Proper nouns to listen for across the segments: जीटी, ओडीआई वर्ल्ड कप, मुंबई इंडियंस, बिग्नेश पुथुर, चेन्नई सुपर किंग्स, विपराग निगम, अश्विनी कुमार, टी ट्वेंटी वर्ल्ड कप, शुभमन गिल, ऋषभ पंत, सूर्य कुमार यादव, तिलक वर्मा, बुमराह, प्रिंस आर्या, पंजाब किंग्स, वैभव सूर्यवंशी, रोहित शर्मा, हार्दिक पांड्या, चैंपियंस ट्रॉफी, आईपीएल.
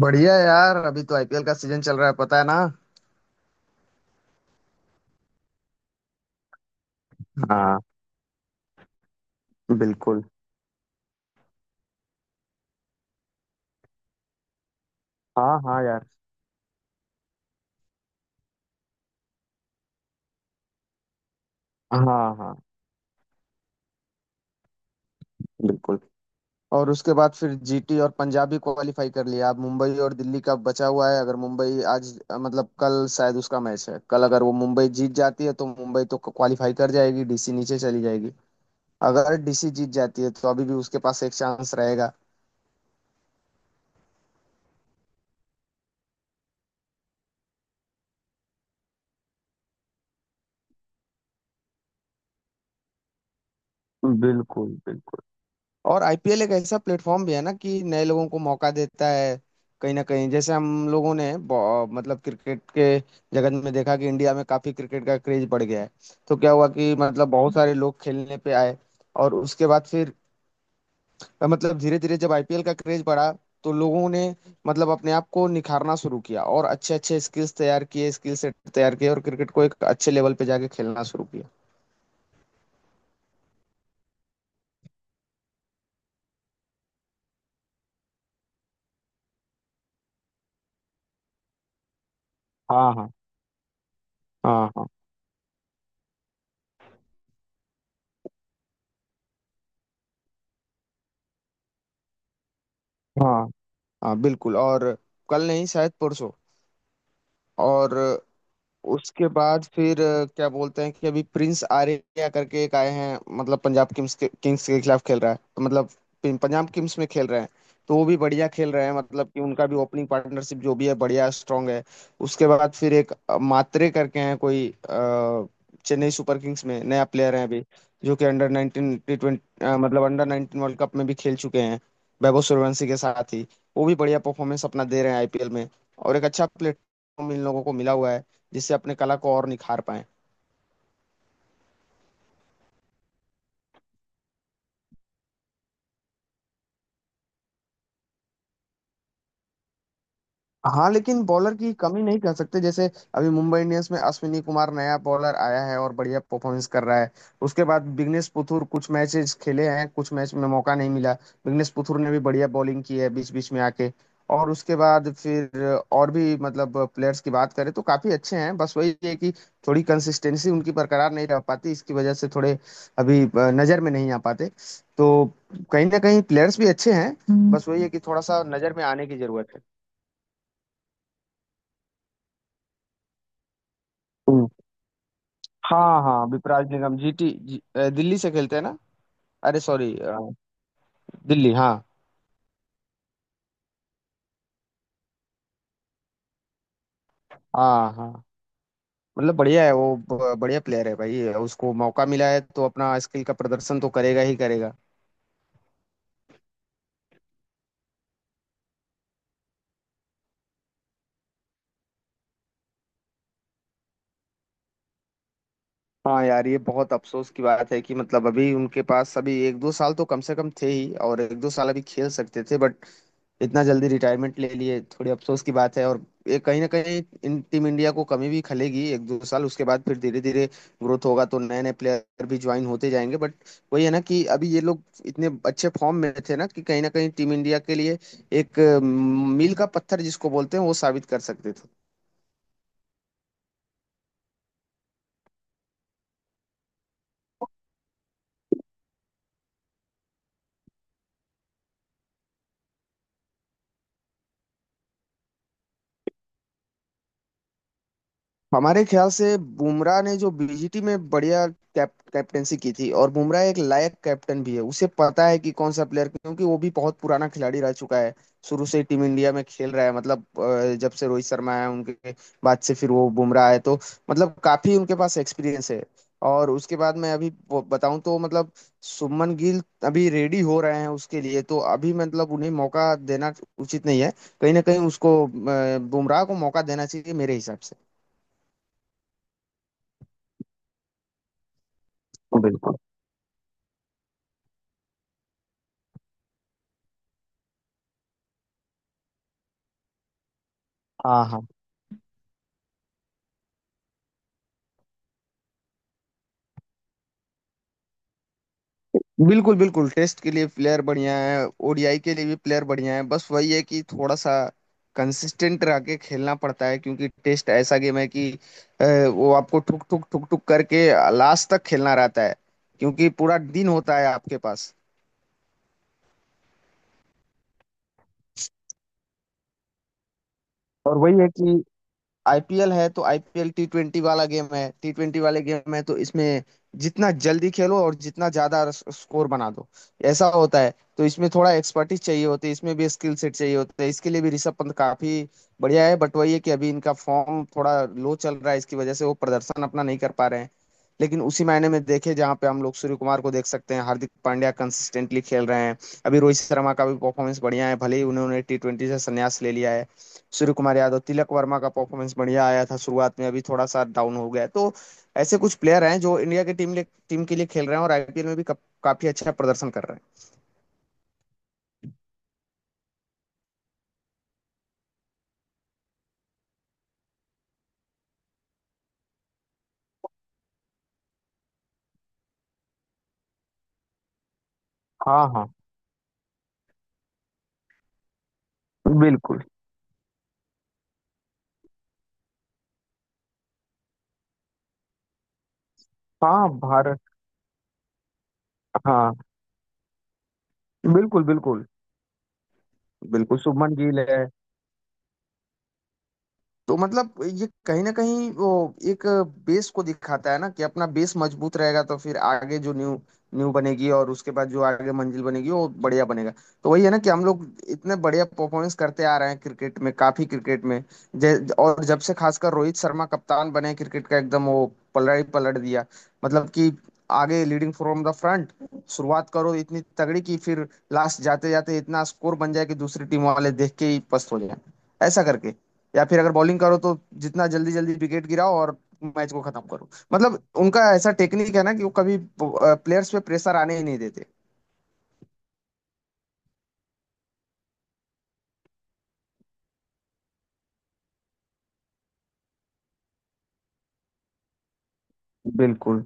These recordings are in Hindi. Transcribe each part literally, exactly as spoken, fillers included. बढ़िया यार, अभी तो आई पी एल का सीजन चल रहा है, पता है ना। हाँ। बिल्कुल। हाँ हाँ यार। हाँ हाँ। बिल्कुल। और उसके बाद फिर जी टी और पंजाब भी क्वालिफाई कर लिया। अब मुंबई और दिल्ली का बचा हुआ है। अगर मुंबई आज मतलब कल शायद उसका मैच है, कल अगर वो मुंबई जीत जाती है तो मुंबई तो क्वालिफाई कर जाएगी, डी सी नीचे चली जाएगी। अगर डी सी जीत जाती है तो अभी भी उसके पास एक चांस रहेगा। बिल्कुल बिल्कुल। और आई पी एल एक ऐसा प्लेटफॉर्म भी है ना, कि नए लोगों को मौका देता है। कहीं ना कहीं जैसे हम लोगों ने ब- मतलब क्रिकेट के जगत में देखा कि इंडिया में काफी क्रिकेट का क्रेज बढ़ गया है। तो क्या हुआ कि मतलब बहुत सारे लोग खेलने पे आए और उसके बाद फिर मतलब धीरे धीरे जब आई पी एल का क्रेज बढ़ा तो लोगों ने मतलब अपने आप को निखारना शुरू किया और अच्छे अच्छे स्किल्स तैयार किए, स्किल सेट तैयार किए और क्रिकेट को एक अच्छे लेवल पे जाके खेलना शुरू किया। हाँ हाँ। हाँ हाँ। हाँ हाँ। बिल्कुल। और कल नहीं, शायद परसों। और उसके बाद फिर अ, क्या बोलते हैं कि अभी प्रिंस आर्या करके एक आए हैं, मतलब पंजाब किंग्स के किंग्स के खिलाफ खेल रहा है। तो मतलब पिं- पंजाब किंग्स में खेल रहे हैं तो वो भी बढ़िया खेल रहे हैं। मतलब कि उनका भी ओपनिंग पार्टनरशिप जो भी है बढ़िया स्ट्रांग है। उसके बाद फिर एक अ, मात्रे करके हैं कोई, अ, चेन्नई सुपर किंग्स में नया प्लेयर है अभी, जो कि अंडर नाइनटीन टी ट्वेंटी मतलब अंडर नाइनटीन वर्ल्ड कप में भी खेल चुके हैं, वैभव सूर्यवंशी के साथ ही। वो भी बढ़िया परफॉर्मेंस अपना दे रहे हैं आई पी एल में। और एक अच्छा प्लेटफॉर्म इन लोगों को मिला हुआ है, जिससे अपने कला को और निखार पाए। हाँ लेकिन बॉलर की कमी नहीं कह सकते। जैसे अभी मुंबई इंडियंस में अश्विनी कुमार नया बॉलर आया है और बढ़िया परफॉर्मेंस कर रहा है। उसके बाद बिग्नेश पुथुर कुछ मैचेस खेले हैं, कुछ मैच में मौका नहीं मिला। बिग्नेश पुथुर ने भी बढ़िया बॉलिंग की है बीच बीच में आके। और उसके बाद फिर और भी मतलब प्लेयर्स की बात करें तो काफी अच्छे हैं, बस वही है कि थोड़ी कंसिस्टेंसी उनकी बरकरार नहीं रह पाती। इसकी वजह से थोड़े अभी अ, नजर में नहीं आ पाते। तो कहीं ना कहीं प्लेयर्स भी अच्छे हैं, बस वही है कि थोड़ा सा नजर में आने की जरूरत है। हाँ हाँ, विपराग निगम जी टी जी, अ, दिल्ली से खेलते हैं ना। अरे सॉरी, दिल्ली, हाँ। हाँ हाँ, मतलब बढ़िया है वो, ब- बढ़िया प्लेयर है भाई। उसको मौका मिला है तो अपना स्किल का प्रदर्शन तो करेगा ही करेगा। हाँ यार, ये बहुत अफसोस की बात है कि मतलब अभी उनके पास अभी एक दो साल तो कम से कम थे ही, और एक दो साल अभी खेल सकते थे, बट इतना जल्दी रिटायरमेंट ले लिए, थोड़ी अफसोस की बात है। और ये कहीं ना कहीं इन टीम इंडिया को कमी भी खलेगी एक दो साल। उसके बाद फिर धीरे धीरे ग्रोथ होगा तो नए नए प्लेयर भी ज्वाइन होते जाएंगे, बट वही है ना कि अभी ये लोग इतने अच्छे फॉर्म में थे ना, कि कहीं ना कहीं मील का पत्थर जिसको बोलते हैं वो साबित कर सकते थे। हमारे ख्याल से बुमराह ने जो बी जी टी में बढ़िया कैप, कैप्टेंसी की थी, और बुमराह एक लायक कैप्टन भी है, उसे पता है कि कौन सा प्लेयर, क्योंकि वो भी बहुत पुराना खिलाड़ी रह चुका है। शुरू से ही टीम इंडिया में खेल रहा है, मतलब अ, जब से रोहित शर्मा आया उनके बाद से फिर वो बुमराह आए। तो मतलब काफी उनके पास एक्सपीरियंस है। और उसके बाद मैं अभी ब- बताऊं तो मतलब शुभमन गिल अभी रेडी हो रहे हैं। उसके लिए तो अभी मतलब उन्हें मौका देना उचित नहीं है। कहीं ना कहीं उसको, अ, बुमराह को मौका देना चाहिए मेरे हिसाब से। बिल्कुल। हाँ हाँ। बिल्कुल बिल्कुल। टेस्ट के लिए प्लेयर बढ़िया है, ओ डी आई के लिए भी प्लेयर बढ़िया है, बस वही है कि थोड़ा सा कंसिस्टेंट रह के खेलना पड़ता है, क्योंकि टेस्ट ऐसा गेम है कि अ, वो आपको ठुक ठुक ठुक ठुक करके लास्ट तक खेलना रहता है, क्योंकि पूरा दिन होता है आपके पास। और वही है कि आई पी एल है तो I P L T twenty वाला गेम है, टी ट्वेंटी वाले गेम है तो इसमें जितना जल्दी खेलो और जितना ज्यादा रस- स्कोर बना दो, ऐसा होता है। तो इसमें थोड़ा एक्सपर्टीज चाहिए होती है, इसमें भी स्किल सेट चाहिए होता है। इसके लिए भी ऋषभ पंत काफी बढ़िया है, बट वही है कि अभी इनका फॉर्म थोड़ा लो चल रहा है, इसकी वजह से वो प्रदर्शन अपना नहीं कर पा रहे हैं। लेकिन उसी मायने में देखे जहाँ पे हम लोग सूर्य कुमार को देख सकते हैं, हार्दिक पांड्या कंसिस्टेंटली खेल रहे हैं, अभी रोहित शर्मा का भी परफॉर्मेंस बढ़िया है, भले ही उन्होंने टी ट्वेंटी से संन्यास ले लिया है। सूर्य कुमार यादव, तिलक वर्मा का परफॉर्मेंस बढ़िया आया था शुरुआत में, अभी थोड़ा सा डाउन हो गया है। तो ऐसे कुछ प्लेयर हैं जो इंडिया की टीम टीम के लिए खेल रहे हैं और आई पी एल में भी का, काफी अच्छा प्रदर्शन कर रहे हैं। हाँ हाँ बिल्कुल। हाँ भारत। हाँ। बिल्कुल बिल्कुल। बिल्कुल, शुभमन गिल है। तो मतलब ये कहीं ना कहीं वो एक बेस को दिखाता है ना, कि अपना बेस मजबूत रहेगा तो फिर आगे जो न्यू न्यू बनेगी और उसके बाद जो आगे मंजिल बनेगी वो बढ़िया बनेगा। तो वही है ना कि हम लोग इतने बढ़िया परफॉर्मेंस करते आ रहे हैं क्रिकेट में, काफी क्रिकेट में जै- और जब से खासकर रोहित शर्मा कप्तान बने, क्रिकेट का एकदम वो पलड़ा ही पलट दिया। मतलब कि आगे लीडिंग फ्रॉम द फ्रंट, शुरुआत करो इतनी तगड़ी कि फिर लास्ट जाते जाते इतना स्कोर बन जाए कि दूसरी टीम वाले देख के ही पस्त हो जाए, ऐसा करके। या फिर अगर बॉलिंग करो तो जितना जल्दी जल्दी विकेट गिराओ और मैच को खत्म करो। मतलब उनका ऐसा टेक्निक है ना कि वो कभी प्लेयर्स पे प्रेशर आने ही नहीं देते। बिल्कुल।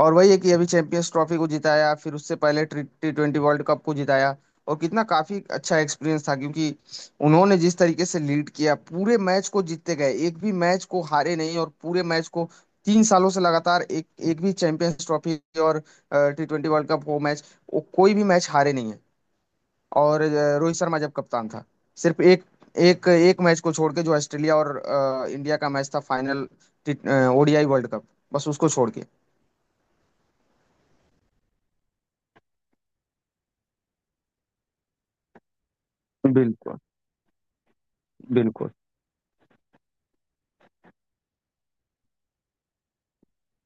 और वही है कि अभी चैंपियंस ट्रॉफी को जिताया, फिर उससे पहले टी ट्वेंटी वर्ल्ड कप को जिताया। और कितना काफी अच्छा एक्सपीरियंस था, क्योंकि उन्होंने जिस तरीके से लीड किया पूरे मैच को, जीतते गए, एक भी मैच को हारे नहीं, और पूरे मैच को तीन सालों से लगातार, एक एक भी चैंपियंस ट्रॉफी और टी ट्वेंटी वर्ल्ड कप वो मैच, वो कोई भी मैच हारे नहीं। और अ, रोहित शर्मा जब कप्तान था, सिर्फ एक एक एक मैच को छोड़ के, जो ऑस्ट्रेलिया और अ, इंडिया का मैच था, final O D I world cup, बस उसको छोड़ के। बिल्कुल बिल्कुल।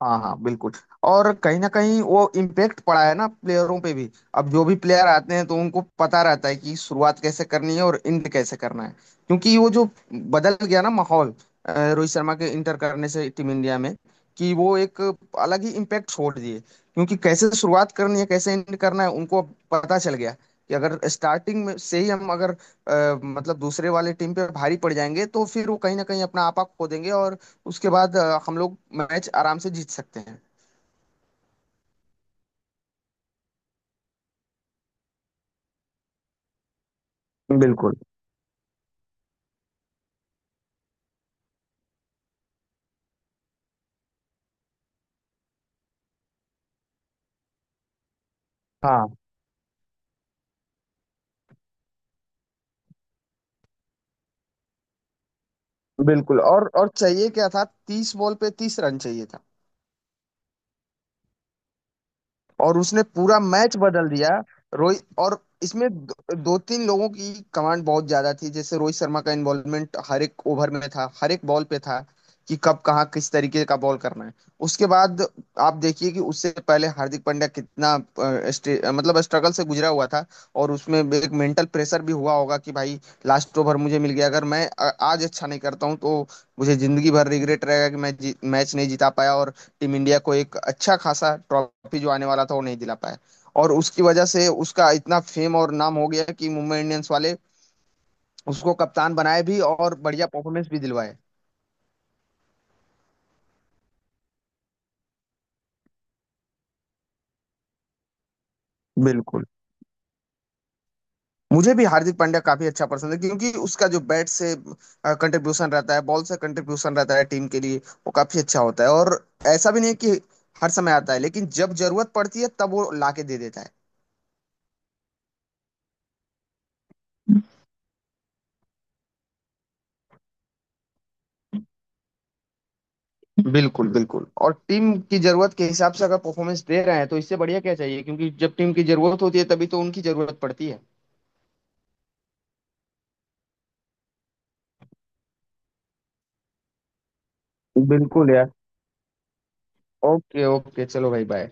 हाँ हाँ बिल्कुल। और कहीं ना कहीं वो इम्पेक्ट पड़ा है ना, प्लेयरों पे भी, अब जो भी प्लेयर आते हैं तो उनको पता रहता है कि शुरुआत कैसे करनी है और एंड कैसे करना है, क्योंकि वो जो बदल गया ना माहौल, अ, रोहित शर्मा के इंटर करने से टीम इंडिया में, कि वो एक अलग ही इम्पेक्ट छोड़ दिए, क्योंकि कैसे शुरुआत करनी है कैसे एंड करना है उनको अब पता चल गया, कि अगर स्टार्टिंग में से ही हम अगर अ, मतलब दूसरे वाले टीम पे भारी पड़ जाएंगे तो फिर वो कहीं ना कहीं अपना आपा खो देंगे, और उसके बाद अ, हम लोग मैच आराम से जीत सकते हैं। बिल्कुल। हाँ बिल्कुल। और और चाहिए क्या था? तीस बॉल पे तीस रन चाहिए था। और उसने पूरा मैच बदल दिया। रोहित, और इसमें दो, दो तीन लोगों की कमांड बहुत ज्यादा थी, जैसे रोहित शर्मा का इन्वॉल्वमेंट हर एक ओवर में था, हर एक बॉल पे था, कि कब कहाँ किस तरीके का बॉल करना है। उसके बाद आप देखिए कि उससे पहले हार्दिक पांड्या कितना अ, स्टे- अ, मतलब स्ट्रगल से गुजरा हुआ था, और उसमें एक मेंटल प्रेशर भी हुआ होगा कि भाई, लास्ट ओवर मुझे मिल गया, अगर मैं अ, आज अच्छा नहीं करता हूँ तो मुझे जिंदगी भर रिग्रेट रहेगा कि मैं जी, मैच नहीं जीता पाया और टीम इंडिया को एक अच्छा खासा ट्रॉफी जो आने वाला था वो नहीं दिला पाया। और उसकी वजह से उसका इतना फेम और नाम हो गया कि मुंबई इंडियंस वाले उसको कप्तान बनाए भी, और बढ़िया परफॉर्मेंस भी दिलवाए। बिल्कुल। मुझे भी हार्दिक पांड्या काफी अच्छा पसंद है, क्योंकि उसका जो बैट से कंट्रीब्यूशन रहता है, बॉल से कंट्रीब्यूशन रहता है टीम के लिए, वो काफी अच्छा होता है। और ऐसा भी नहीं है कि हर समय आता है, लेकिन जब जरूरत पड़ती है तब वो लाके दे देता है। बिल्कुल बिल्कुल। और टीम की जरूरत के हिसाब से अगर परफॉर्मेंस दे रहे हैं तो इससे बढ़िया क्या चाहिए, क्योंकि जब टीम की जरूरत होती है तभी तो उनकी जरूरत पड़ती है। बिल्कुल यार। ओके ओके, चलो भाई, बाय।